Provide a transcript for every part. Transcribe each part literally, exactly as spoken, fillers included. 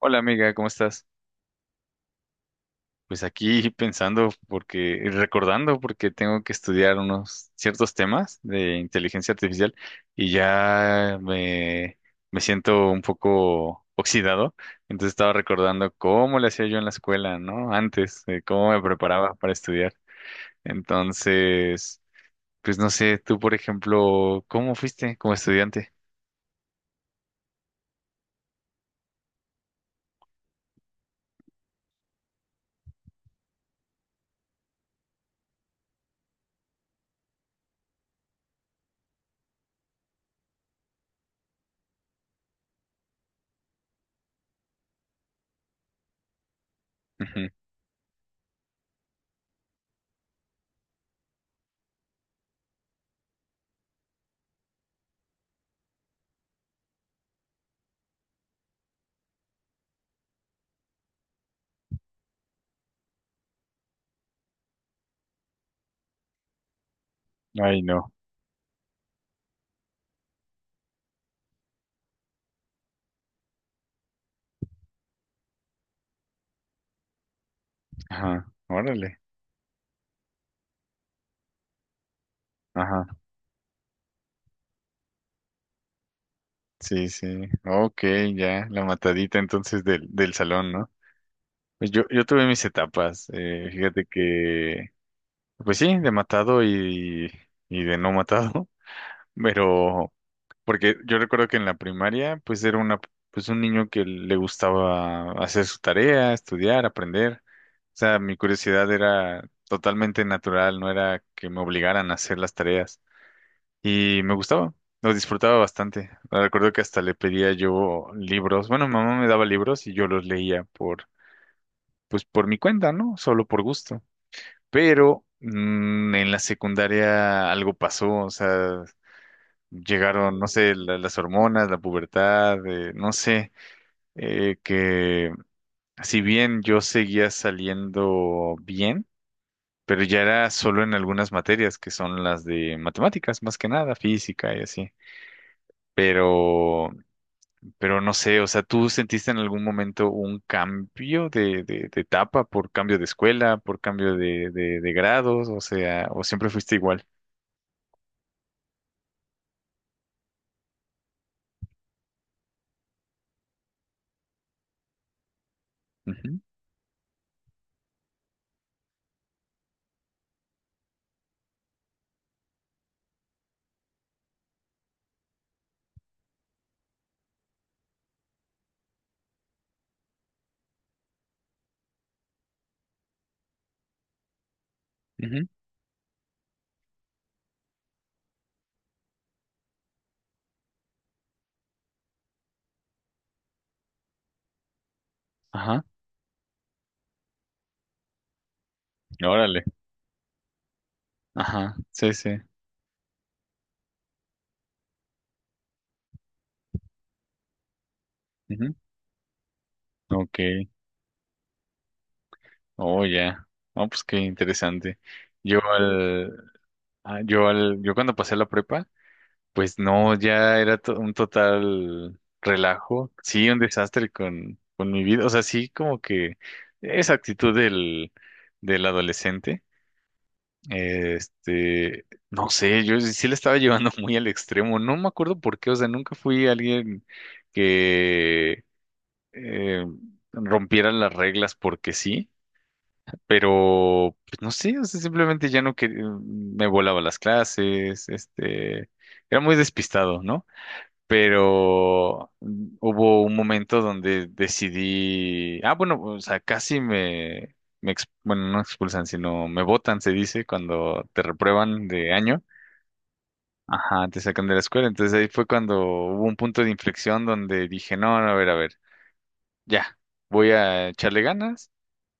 Hola amiga, ¿cómo estás? Pues aquí pensando porque, recordando porque tengo que estudiar unos ciertos temas de inteligencia artificial y ya me, me siento un poco oxidado. Entonces estaba recordando cómo le hacía yo en la escuela, ¿no? Antes, eh, cómo me preparaba para estudiar. Entonces, pues no sé, tú por ejemplo, ¿cómo fuiste como estudiante? Ujú. Ay, no. Ajá. Órale. Sí, sí. Ok, ya, la matadita entonces del, del salón, ¿no? Pues yo, yo tuve mis etapas. Eh, fíjate que, pues sí, de matado y, y de no matado, pero porque yo recuerdo que en la primaria, pues era una, pues un niño que le gustaba hacer su tarea, estudiar, aprender. O sea, mi curiosidad era totalmente natural, no era que me obligaran a hacer las tareas y me gustaba, lo disfrutaba bastante. Recuerdo que hasta le pedía yo libros, bueno, mi mamá me daba libros y yo los leía por, pues por mi cuenta, ¿no? Solo por gusto. Pero mm, en la secundaria algo pasó, o sea, llegaron, no sé, la- las hormonas, la pubertad, eh, no sé, eh, que si bien yo seguía saliendo bien, pero ya era solo en algunas materias que son las de matemáticas, más que nada, física y así pero Pero no sé, o sea, ¿tú sentiste en algún momento un cambio de, de, de etapa por cambio de escuela, por cambio de, de, de grados? O sea, ¿o siempre fuiste igual? Ujú, ujú. Ajá, órale. Ajá, sí, sí. Ujú. Ok, oh, ya. No, pues qué interesante. Yo al, ah, yo al, Yo cuando pasé la prepa, pues no, ya era to- un total relajo, sí, un desastre con, con mi vida, o sea, sí, como que esa actitud del, del adolescente, este, no sé, yo sí la estaba llevando muy al extremo, no me acuerdo por qué, o sea, nunca fui alguien que eh, rompiera las reglas porque sí, pero, pues no sé, o sea, simplemente ya no quería, me volaba las clases, este, era muy despistado, ¿no? Pero hubo un momento donde decidí, ah, bueno, o sea, casi me, me ex- bueno, no expulsan, sino me botan, se dice, cuando te reprueban de año. Ajá, te sacan de la escuela. Entonces ahí fue cuando hubo un punto de inflexión donde dije, no, no, a ver, a ver, ya, voy a echarle ganas.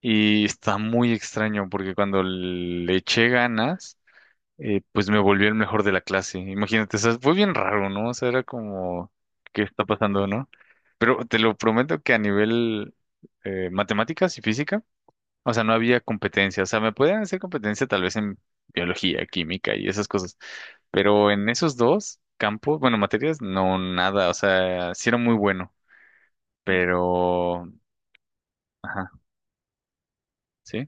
Y está muy extraño porque cuando le eché ganas, eh, pues me volví el mejor de la clase. Imagínate, o sea, fue bien raro, ¿no? O sea, era como, ¿qué está pasando, no? Pero te lo prometo que a nivel eh, matemáticas y física, o sea, no había competencia. O sea, me podían hacer competencia tal vez en biología, química y esas cosas. Pero en esos dos campos, bueno, materias, no nada. O sea, sí era muy bueno, pero... Ajá, ¿sí?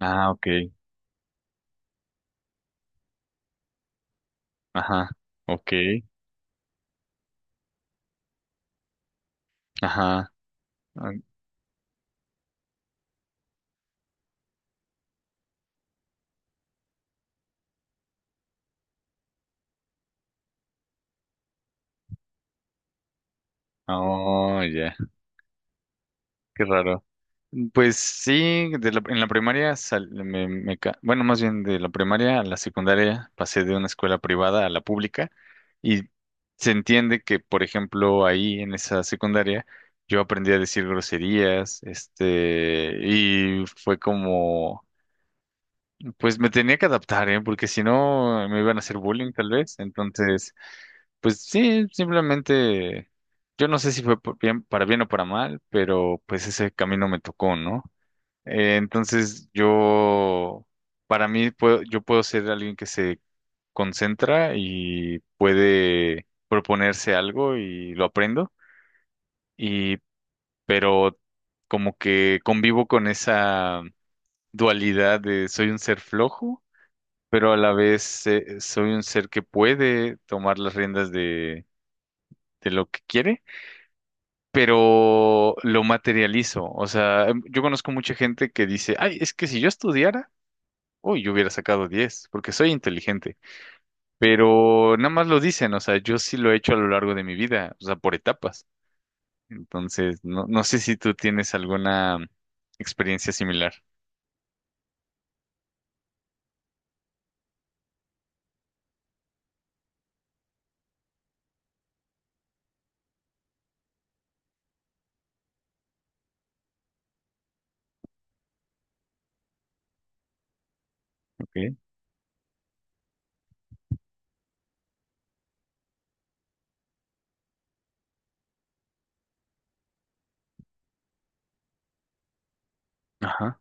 Ah, ok. Ajá, ok. Ajá. Ah, oh, ya. Qué raro. Pues sí, de la- en la primaria, sal- me, me ca- bueno, más bien de la primaria a la secundaria pasé de una escuela privada a la pública y se entiende que, por ejemplo, ahí en esa secundaria yo aprendí a decir groserías, este, y fue como, pues me tenía que adaptar, ¿eh? Porque si no me iban a hacer bullying tal vez. Entonces, pues sí, simplemente, yo no sé si fue por bien, para bien o para mal, pero pues ese camino me tocó, ¿no? Eh, entonces yo, para mí, puedo, yo puedo ser alguien que se concentra y puede proponerse algo y lo aprendo, y, pero como que convivo con esa dualidad de soy un ser flojo, pero a la vez eh, soy un ser que puede tomar las riendas de, de lo que quiere, pero lo materializo. O sea, em, yo conozco mucha gente que dice, ay, es que si yo estudiara... Uy, yo hubiera sacado diez, porque soy inteligente, pero nada más lo dicen, o sea, yo sí lo he hecho a lo largo de mi vida, o sea, por etapas. Entonces, no, no sé si tú tienes alguna experiencia similar. Okay. Ajá.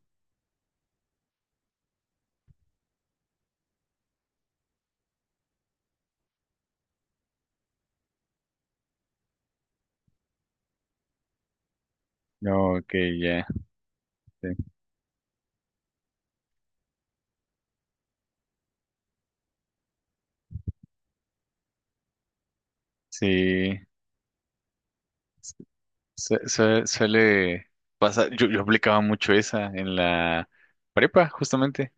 No, ok, ya. Sí, su- su- su- suele pasar. Yo, yo aplicaba mucho esa en la prepa, justamente,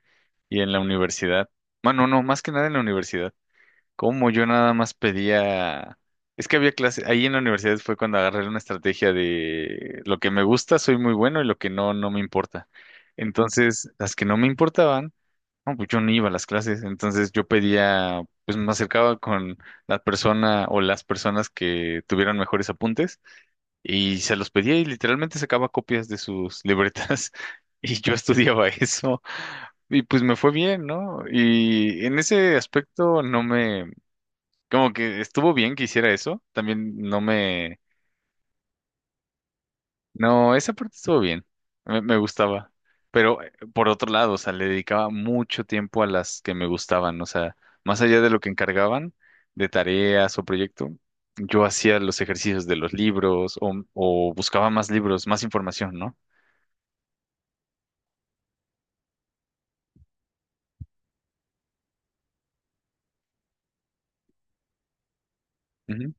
y en la universidad. Bueno, no, más que nada en la universidad. Como yo nada más pedía, es que había clases, ahí en la universidad fue cuando agarré una estrategia de lo que me gusta, soy muy bueno y lo que no, no me importa. Entonces, las que no me importaban, no, pues yo no iba a las clases, entonces yo pedía, pues me acercaba con la persona o las personas que tuvieran mejores apuntes y se los pedía y literalmente sacaba copias de sus libretas y yo estudiaba eso y pues me fue bien, ¿no? Y en ese aspecto no me como que estuvo bien que hiciera eso. También no me... No, esa parte estuvo bien. Me, me gustaba. Pero eh, por otro lado, o sea, le dedicaba mucho tiempo a las que me gustaban. O sea, más allá de lo que encargaban de tareas o proyecto, yo hacía los ejercicios de los libros o, o buscaba más libros, más información, ¿no? Ujú.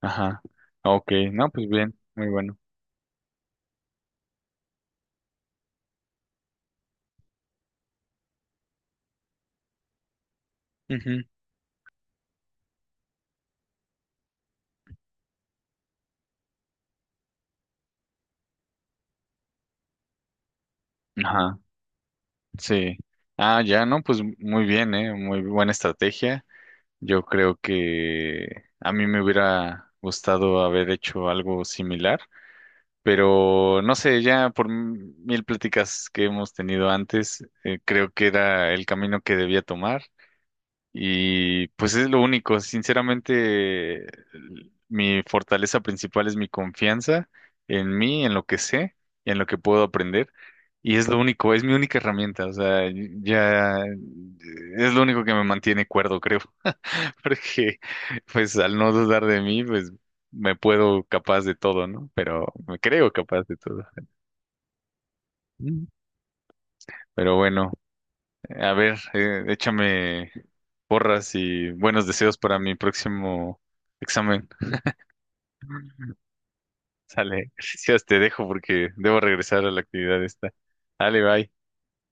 Ajá. Ok, no, pues bien, muy bueno. Ujú. Ajá, sí. Ah, ya, no, pues muy bien, ¿eh? Muy buena estrategia. Yo creo que a mí me hubiera gustado haber hecho algo similar, pero no sé, ya por m- mil pláticas que hemos tenido antes, eh, creo que era el camino que debía tomar y pues es lo único. Sinceramente, l- mi fortaleza principal es mi confianza en mí, en lo que sé, en lo que puedo aprender y es lo único, es mi única herramienta, o sea, ya es lo único que me mantiene cuerdo, creo. Porque pues al no dudar de mí, pues me puedo capaz de todo, ¿no? Pero me creo capaz de todo. Mm. Pero bueno, a ver, eh, échame porras y buenos deseos para mi próximo examen. Sale, gracias, te dejo porque debo regresar a la actividad esta. Dale, bye.